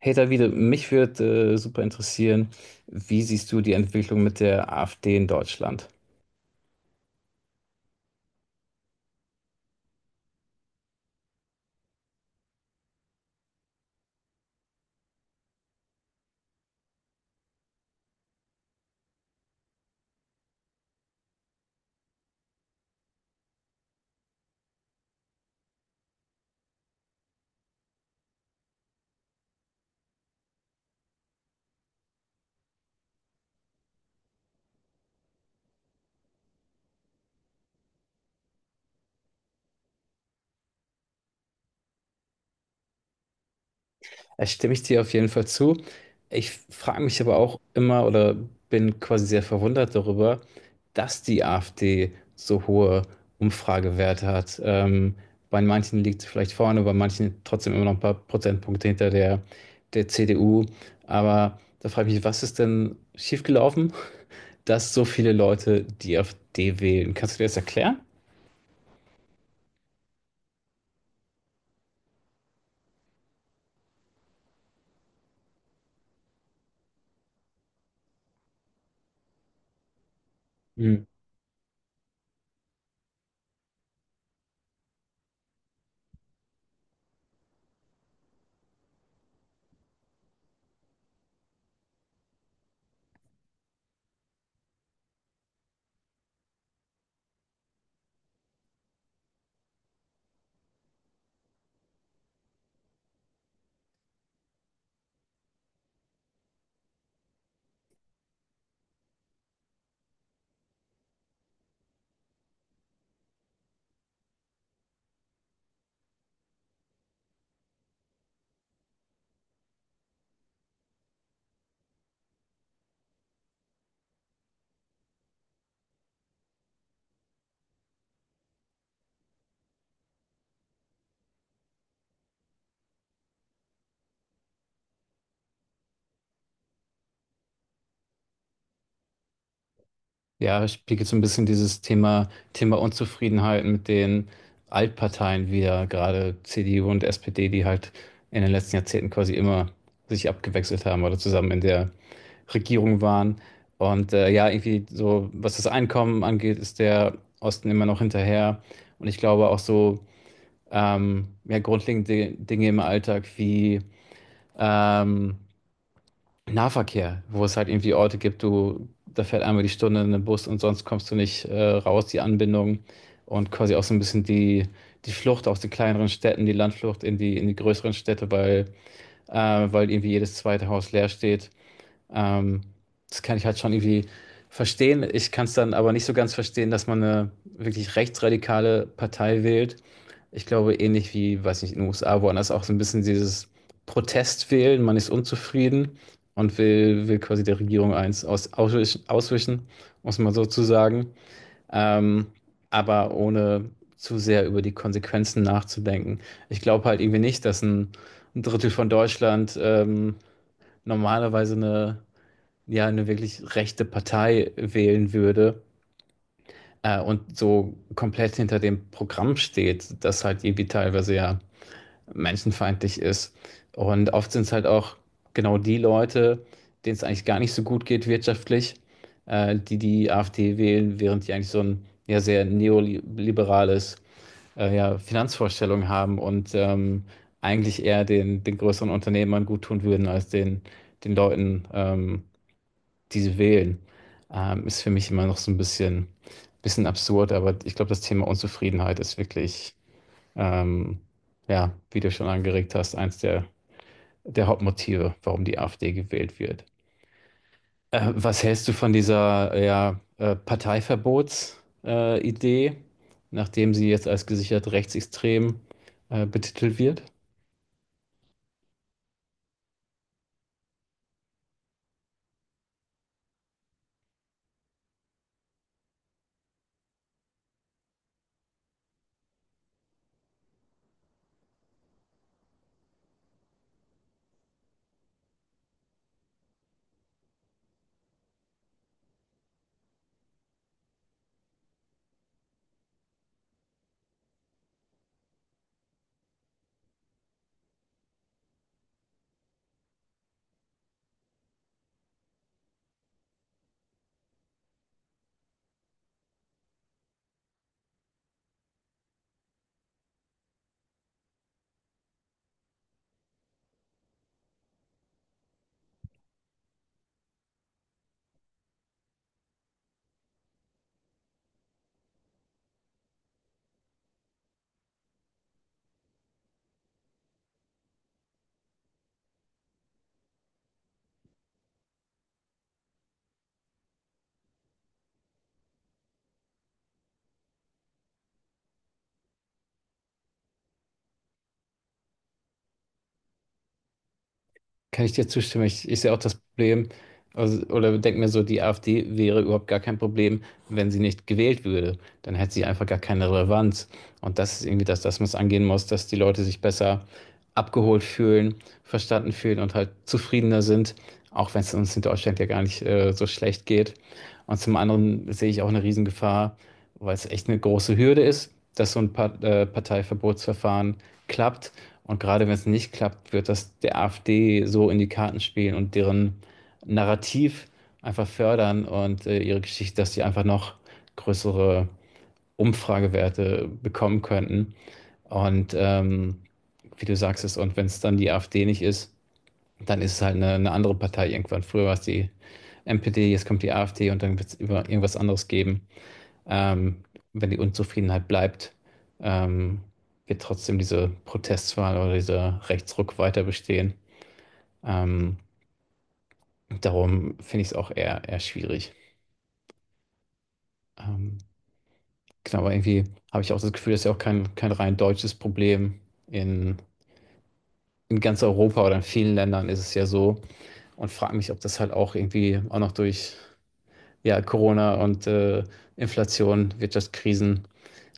Hey Davide, mich würde super interessieren, wie siehst du die Entwicklung mit der AfD in Deutschland? Da stimme ich dir auf jeden Fall zu. Ich frage mich aber auch immer oder bin quasi sehr verwundert darüber, dass die AfD so hohe Umfragewerte hat. Bei manchen liegt sie vielleicht vorne, bei manchen trotzdem immer noch ein paar Prozentpunkte hinter der CDU. Aber da frage ich mich, was ist denn schiefgelaufen, dass so viele Leute die AfD wählen? Kannst du dir das erklären? Mhm. Ja, spiegelt so ein bisschen dieses Thema Unzufriedenheit mit den Altparteien wieder, gerade CDU und SPD, die halt in den letzten Jahrzehnten quasi immer sich abgewechselt haben oder zusammen in der Regierung waren. Und ja, irgendwie so, was das Einkommen angeht, ist der Osten immer noch hinterher. Und ich glaube auch so, ja, grundlegende Dinge im Alltag wie ähm, Nahverkehr, wo es halt irgendwie Orte gibt, du, da fährt einmal die Stunde ein Bus und sonst kommst du nicht raus, die Anbindung und quasi auch so ein bisschen die Flucht aus den kleineren Städten, die Landflucht in die größeren Städte, weil, äh, weil irgendwie jedes zweite Haus leer steht, ähm, das kann ich halt schon irgendwie verstehen. Ich kann es dann aber nicht so ganz verstehen, dass man eine wirklich rechtsradikale Partei wählt. Ich glaube, ähnlich wie, weiß nicht, in den USA, woanders auch so ein bisschen dieses Protest wählen. Man ist unzufrieden und will quasi der Regierung eins auswischen, um es mal so zu sagen. Ähm, aber ohne zu sehr über die Konsequenzen nachzudenken. Ich glaube halt irgendwie nicht, dass ein Drittel von Deutschland normalerweise eine ja eine wirklich rechte Partei wählen würde und so komplett hinter dem Programm steht, das halt irgendwie teilweise ja menschenfeindlich ist. Und oft sind es halt auch genau die Leute, denen es eigentlich gar nicht so gut geht wirtschaftlich, die AfD wählen, während die eigentlich so ein ja sehr neoliberales ja, Finanzvorstellung haben und eigentlich eher den größeren Unternehmern gut tun würden als den Leuten, die sie wählen, ist für mich immer noch so ein bisschen absurd, aber ich glaube, das Thema Unzufriedenheit ist wirklich, ähm, ja, wie du schon angeregt hast, eins der Hauptmotive, warum die AfD gewählt wird. Was hältst du von dieser, ja, Parteiverbots, Idee, nachdem sie jetzt als gesichert rechtsextrem, betitelt wird? Kann ich dir zustimmen? Ich sehe auch das Problem, also, oder denke mir so, die AfD wäre überhaupt gar kein Problem, wenn sie nicht gewählt würde. Dann hätte sie einfach gar keine Relevanz. Und das ist irgendwie das, das man es angehen muss, dass die Leute sich besser abgeholt fühlen, verstanden fühlen und halt zufriedener sind, auch wenn es uns in Deutschland ja gar nicht so schlecht geht. Und zum anderen sehe ich auch eine Riesengefahr, weil es echt eine große Hürde ist, dass so ein Parteiverbotsverfahren klappt und gerade wenn es nicht klappt, wird das der AfD so in die Karten spielen und deren Narrativ einfach fördern und ihre Geschichte, dass sie einfach noch größere Umfragewerte bekommen könnten. Und wie du sagst es, und wenn es dann die AfD nicht ist, dann ist es halt eine andere Partei irgendwann. Früher war es die NPD, jetzt kommt die AfD und dann wird es irgendwas anderes geben, ähm, wenn die Unzufriedenheit bleibt, ähm, wird trotzdem diese Protestwahl oder dieser Rechtsruck weiter bestehen. Ähm, Darum finde ich es auch eher schwierig. Ähm, genau, aber irgendwie habe ich auch das Gefühl, das ist ja auch kein rein deutsches Problem. In, in ganz Europa oder in vielen Ländern ist es ja so. Und frage mich, ob das halt auch irgendwie auch noch durch ja, Corona und Inflation, Wirtschaftskrisen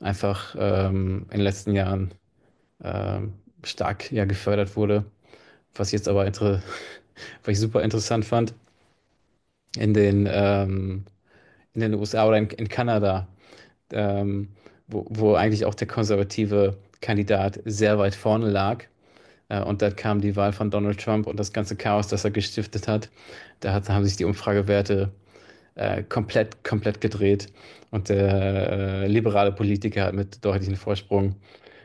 einfach in den letzten Jahren ähm, stark ja, gefördert wurde. Was jetzt aber inter Was ich super interessant fand, in den, in den, USA oder in Kanada, ähm, wo eigentlich auch der konservative Kandidat sehr weit vorne lag. Und dann kam die Wahl von Donald Trump und das ganze Chaos, das er gestiftet hat. Haben sich die Umfragewerte komplett gedreht. Und der liberale Politiker hat mit deutlichem Vorsprung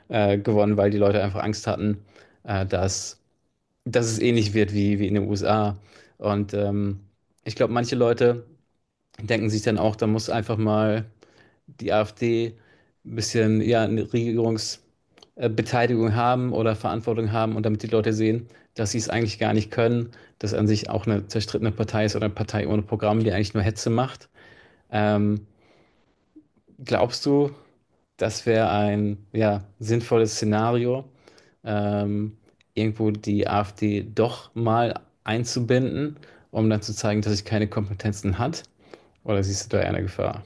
gewonnen, weil die Leute einfach Angst hatten, äh, dass dass es ähnlich wird wie in den USA. Und ich glaube, manche Leute denken sich dann auch, da muss einfach mal die AfD ein bisschen ja, eine Regierungsbeteiligung haben oder Verantwortung haben und damit die Leute sehen, dass sie es eigentlich gar nicht können, dass an sich auch eine zerstrittene Partei ist oder eine Partei ohne Programm, die eigentlich nur Hetze macht. Ähm, Glaubst du, das wäre ein ja, sinnvolles Szenario, ähm, irgendwo die AfD doch mal einzubinden, um dann zu zeigen, dass sie keine Kompetenzen hat. Oder siehst du da eher eine Gefahr?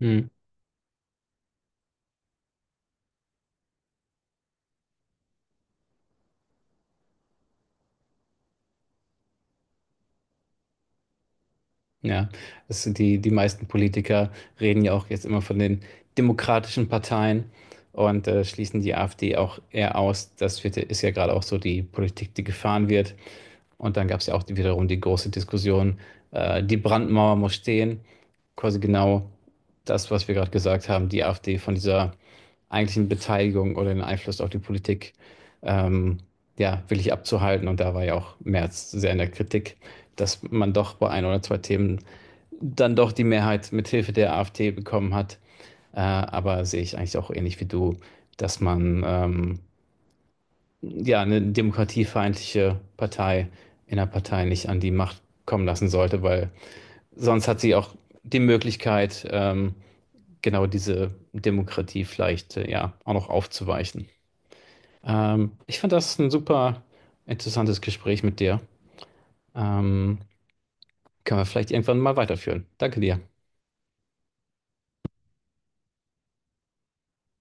Hm. Ja, das sind die meisten Politiker reden ja auch jetzt immer von den demokratischen Parteien und schließen die AfD auch eher aus. Das wird, ist ja gerade auch so die Politik, die gefahren wird. Und dann gab es ja auch wiederum die große Diskussion, die Brandmauer muss stehen. Quasi genau das, was wir gerade gesagt haben, die AfD von dieser eigentlichen Beteiligung oder den Einfluss auf die Politik ähm, ja, wirklich abzuhalten. Und da war ja auch Merz sehr in der Kritik, dass man doch bei ein oder zwei Themen dann doch die Mehrheit mit Hilfe der AfD bekommen hat. Aber sehe ich eigentlich auch ähnlich wie du, dass man ja, eine demokratiefeindliche Partei in der Partei nicht an die Macht kommen lassen sollte, weil sonst hat sie auch die Möglichkeit, genau diese Demokratie vielleicht ja auch noch aufzuweichen. Ich fand das ein super interessantes Gespräch mit dir. Ähm, Können wir vielleicht irgendwann mal weiterführen. Danke dir.